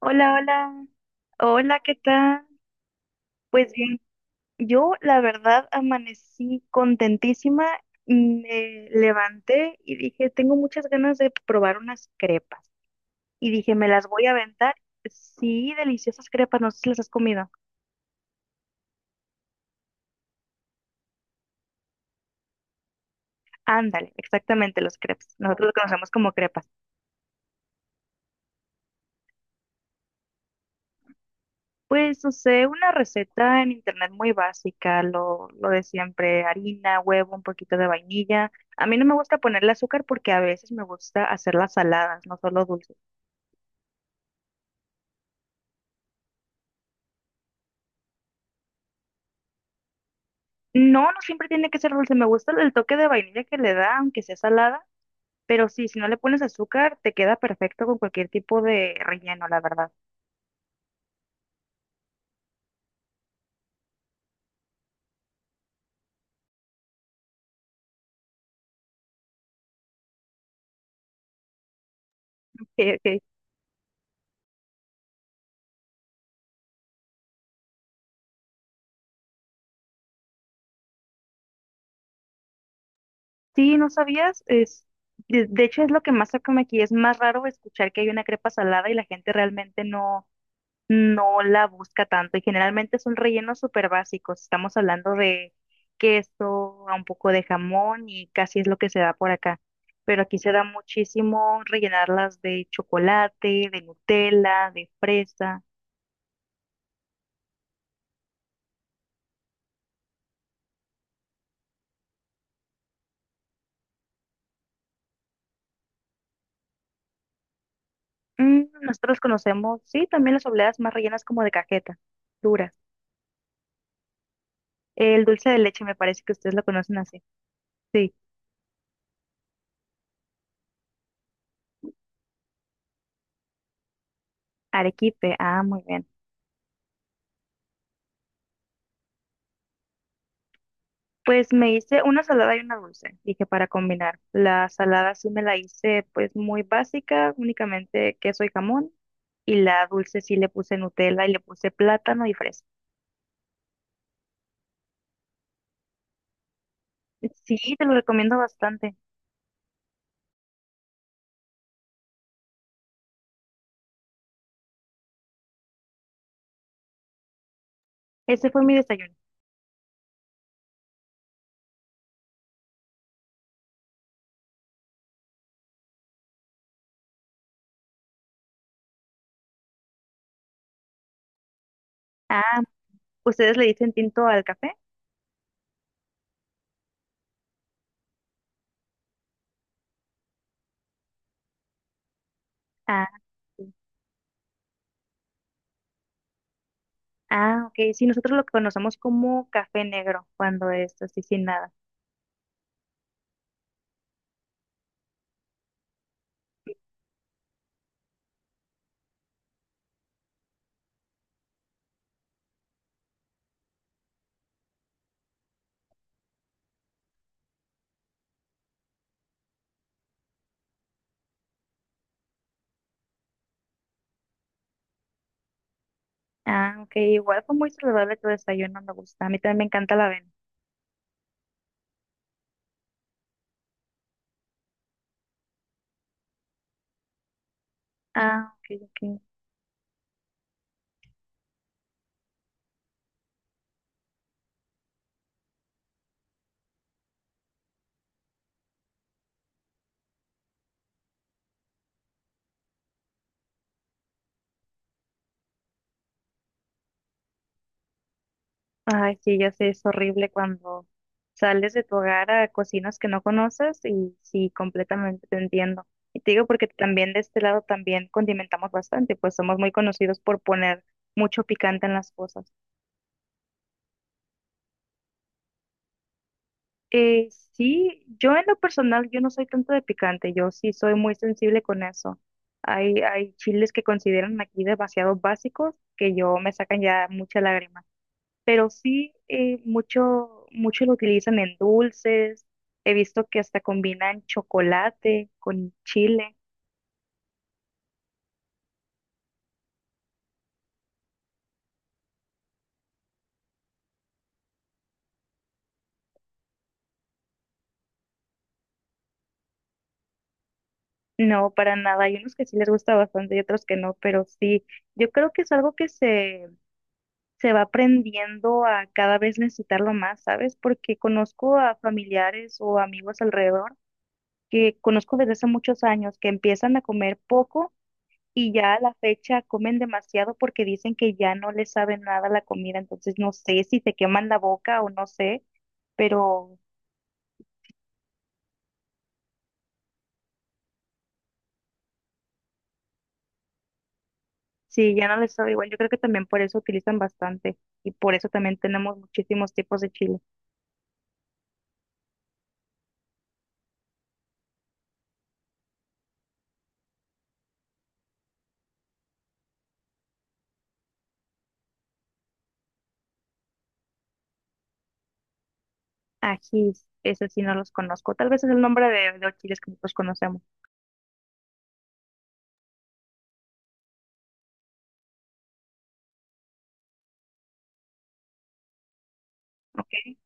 Hola, hola. Hola, ¿qué tal? Pues bien, yo la verdad amanecí contentísima, me levanté y dije, tengo muchas ganas de probar unas crepas. Y dije, me las voy a aventar. Sí, deliciosas crepas, no sé si las has comido. Ándale, exactamente, las crepas. Nosotros lo conocemos como crepas. Pues usé una receta en internet muy básica, lo de siempre, harina, huevo, un poquito de vainilla. A mí no me gusta ponerle azúcar porque a veces me gusta hacerlas saladas, no solo dulces. No, no siempre tiene que ser dulce, me gusta el toque de vainilla que le da, aunque sea salada, pero sí, si no le pones azúcar, te queda perfecto con cualquier tipo de relleno, la verdad. Ok, ok. Sí, ¿no sabías? Es, de hecho, es lo que más se come aquí, es más raro escuchar que hay una crepa salada y la gente realmente no la busca tanto y generalmente son rellenos súper básicos. Estamos hablando de queso, a un poco de jamón y casi es lo que se da por acá. Pero aquí se da muchísimo rellenarlas de chocolate, de Nutella, de fresa. Mm, nosotros conocemos, sí, también las obleas más rellenas como de cajeta, duras. El dulce de leche me parece que ustedes lo conocen así. Sí, arequipe. Ah, muy bien. Pues me hice una salada y una dulce, dije para combinar. La salada sí me la hice pues muy básica, únicamente queso y jamón. Y la dulce sí le puse Nutella y le puse plátano y fresa. Sí, te lo recomiendo bastante. Ese fue mi desayuno. Ah, ¿ustedes le dicen tinto al café? Ah, sí. Ah, ok. Sí, nosotros lo conocemos como café negro cuando es así sin nada. Ah, ok. Igual fue muy saludable tu desayuno, me gusta. A mí también me encanta la avena. Ah, ok, ok. Ay, sí, ya sé, es horrible cuando sales de tu hogar a cocinas que no conoces y sí, completamente te entiendo. Y te digo porque también de este lado también condimentamos bastante, pues somos muy conocidos por poner mucho picante en las cosas. Sí, yo en lo personal, yo no soy tanto de picante, yo sí soy muy sensible con eso. Hay chiles que consideran aquí demasiado básicos que yo me sacan ya mucha lágrima. Pero sí mucho lo utilizan en dulces. He visto que hasta combinan chocolate con chile. No, para nada. Hay unos que sí les gusta bastante y otros que no, pero sí, yo creo que es algo que se va aprendiendo a cada vez necesitarlo más, ¿sabes? Porque conozco a familiares o amigos alrededor que conozco desde hace muchos años que empiezan a comer poco. Y ya a la fecha comen demasiado porque dicen que ya no les sabe nada la comida, entonces no sé si se queman la boca o no sé, pero sí, ya no les sabe igual. Yo creo que también por eso utilizan bastante y por eso también tenemos muchísimos tipos de chile. Ajís, ese sí no los conozco, tal vez es el nombre de los chiles que nosotros conocemos, ¿ok?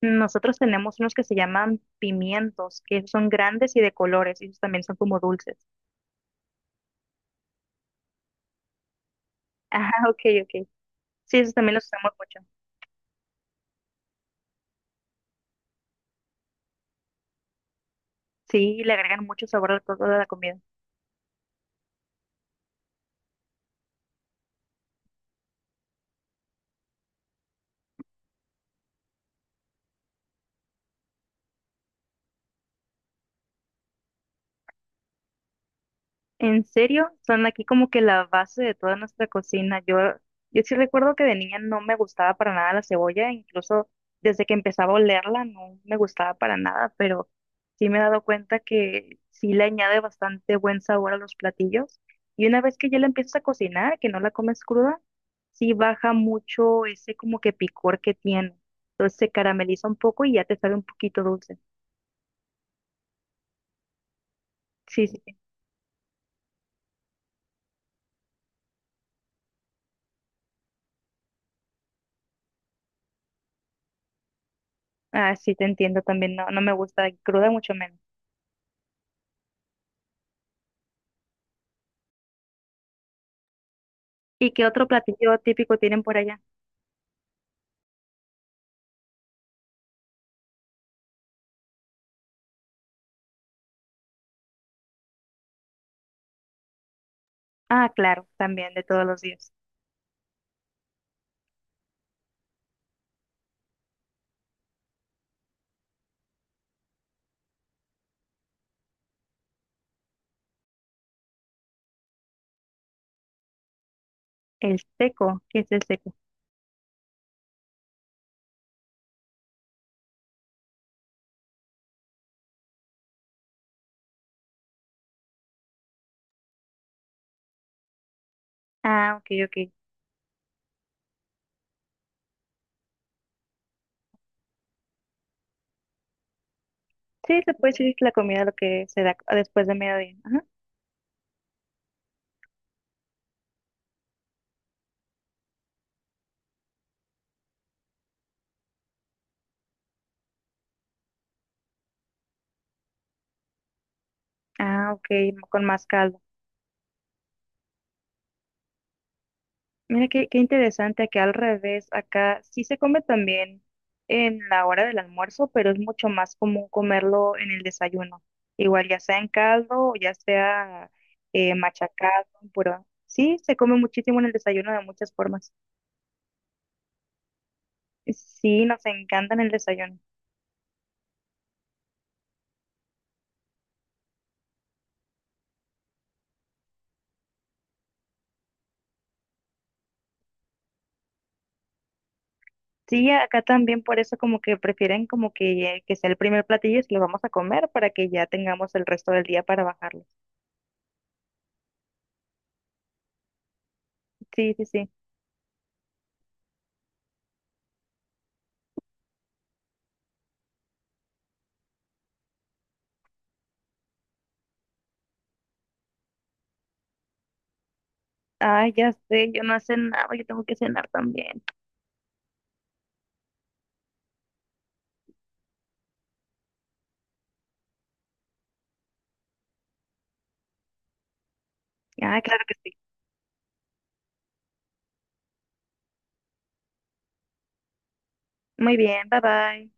Nosotros tenemos unos que se llaman pimientos, que esos son grandes y de colores, y esos también son como dulces. Ajá, ok, ok. Sí, esos también los usamos mucho. Sí, le agregan mucho sabor al todo de la comida. En serio, son aquí como que la base de toda nuestra cocina. Yo sí recuerdo que de niña no me gustaba para nada la cebolla, incluso desde que empezaba a olerla no me gustaba para nada, pero sí me he dado cuenta que sí le añade bastante buen sabor a los platillos. Y una vez que ya la empiezas a cocinar, que no la comes cruda, sí baja mucho ese como que picor que tiene. Entonces se carameliza un poco y ya te sabe un poquito dulce. Sí, sí. Ah, sí, te entiendo también. No, no me gusta cruda, mucho menos. ¿Y qué otro platillo típico tienen por allá? Ah, claro, también de todos los días. El seco, ¿qué es el seco? Ah, ok, ok. Sí, se puede decir que la comida lo que se da después de mediodía. Ajá. Ah, ok, con más caldo. Mira qué, qué interesante que al revés, acá sí se come también en la hora del almuerzo, pero es mucho más común comerlo en el desayuno. Igual ya sea en caldo o ya sea machacado, pero sí se come muchísimo en el desayuno de muchas formas. Sí, nos encanta en el desayuno. Sí, acá también por eso como que prefieren como que sea el primer platillo y se lo vamos a comer para que ya tengamos el resto del día para bajarlo. Sí, sí, sí. Ay, ya sé, yo no hace nada, yo tengo que cenar también. Ah, claro que sí. Muy bien, bye bye.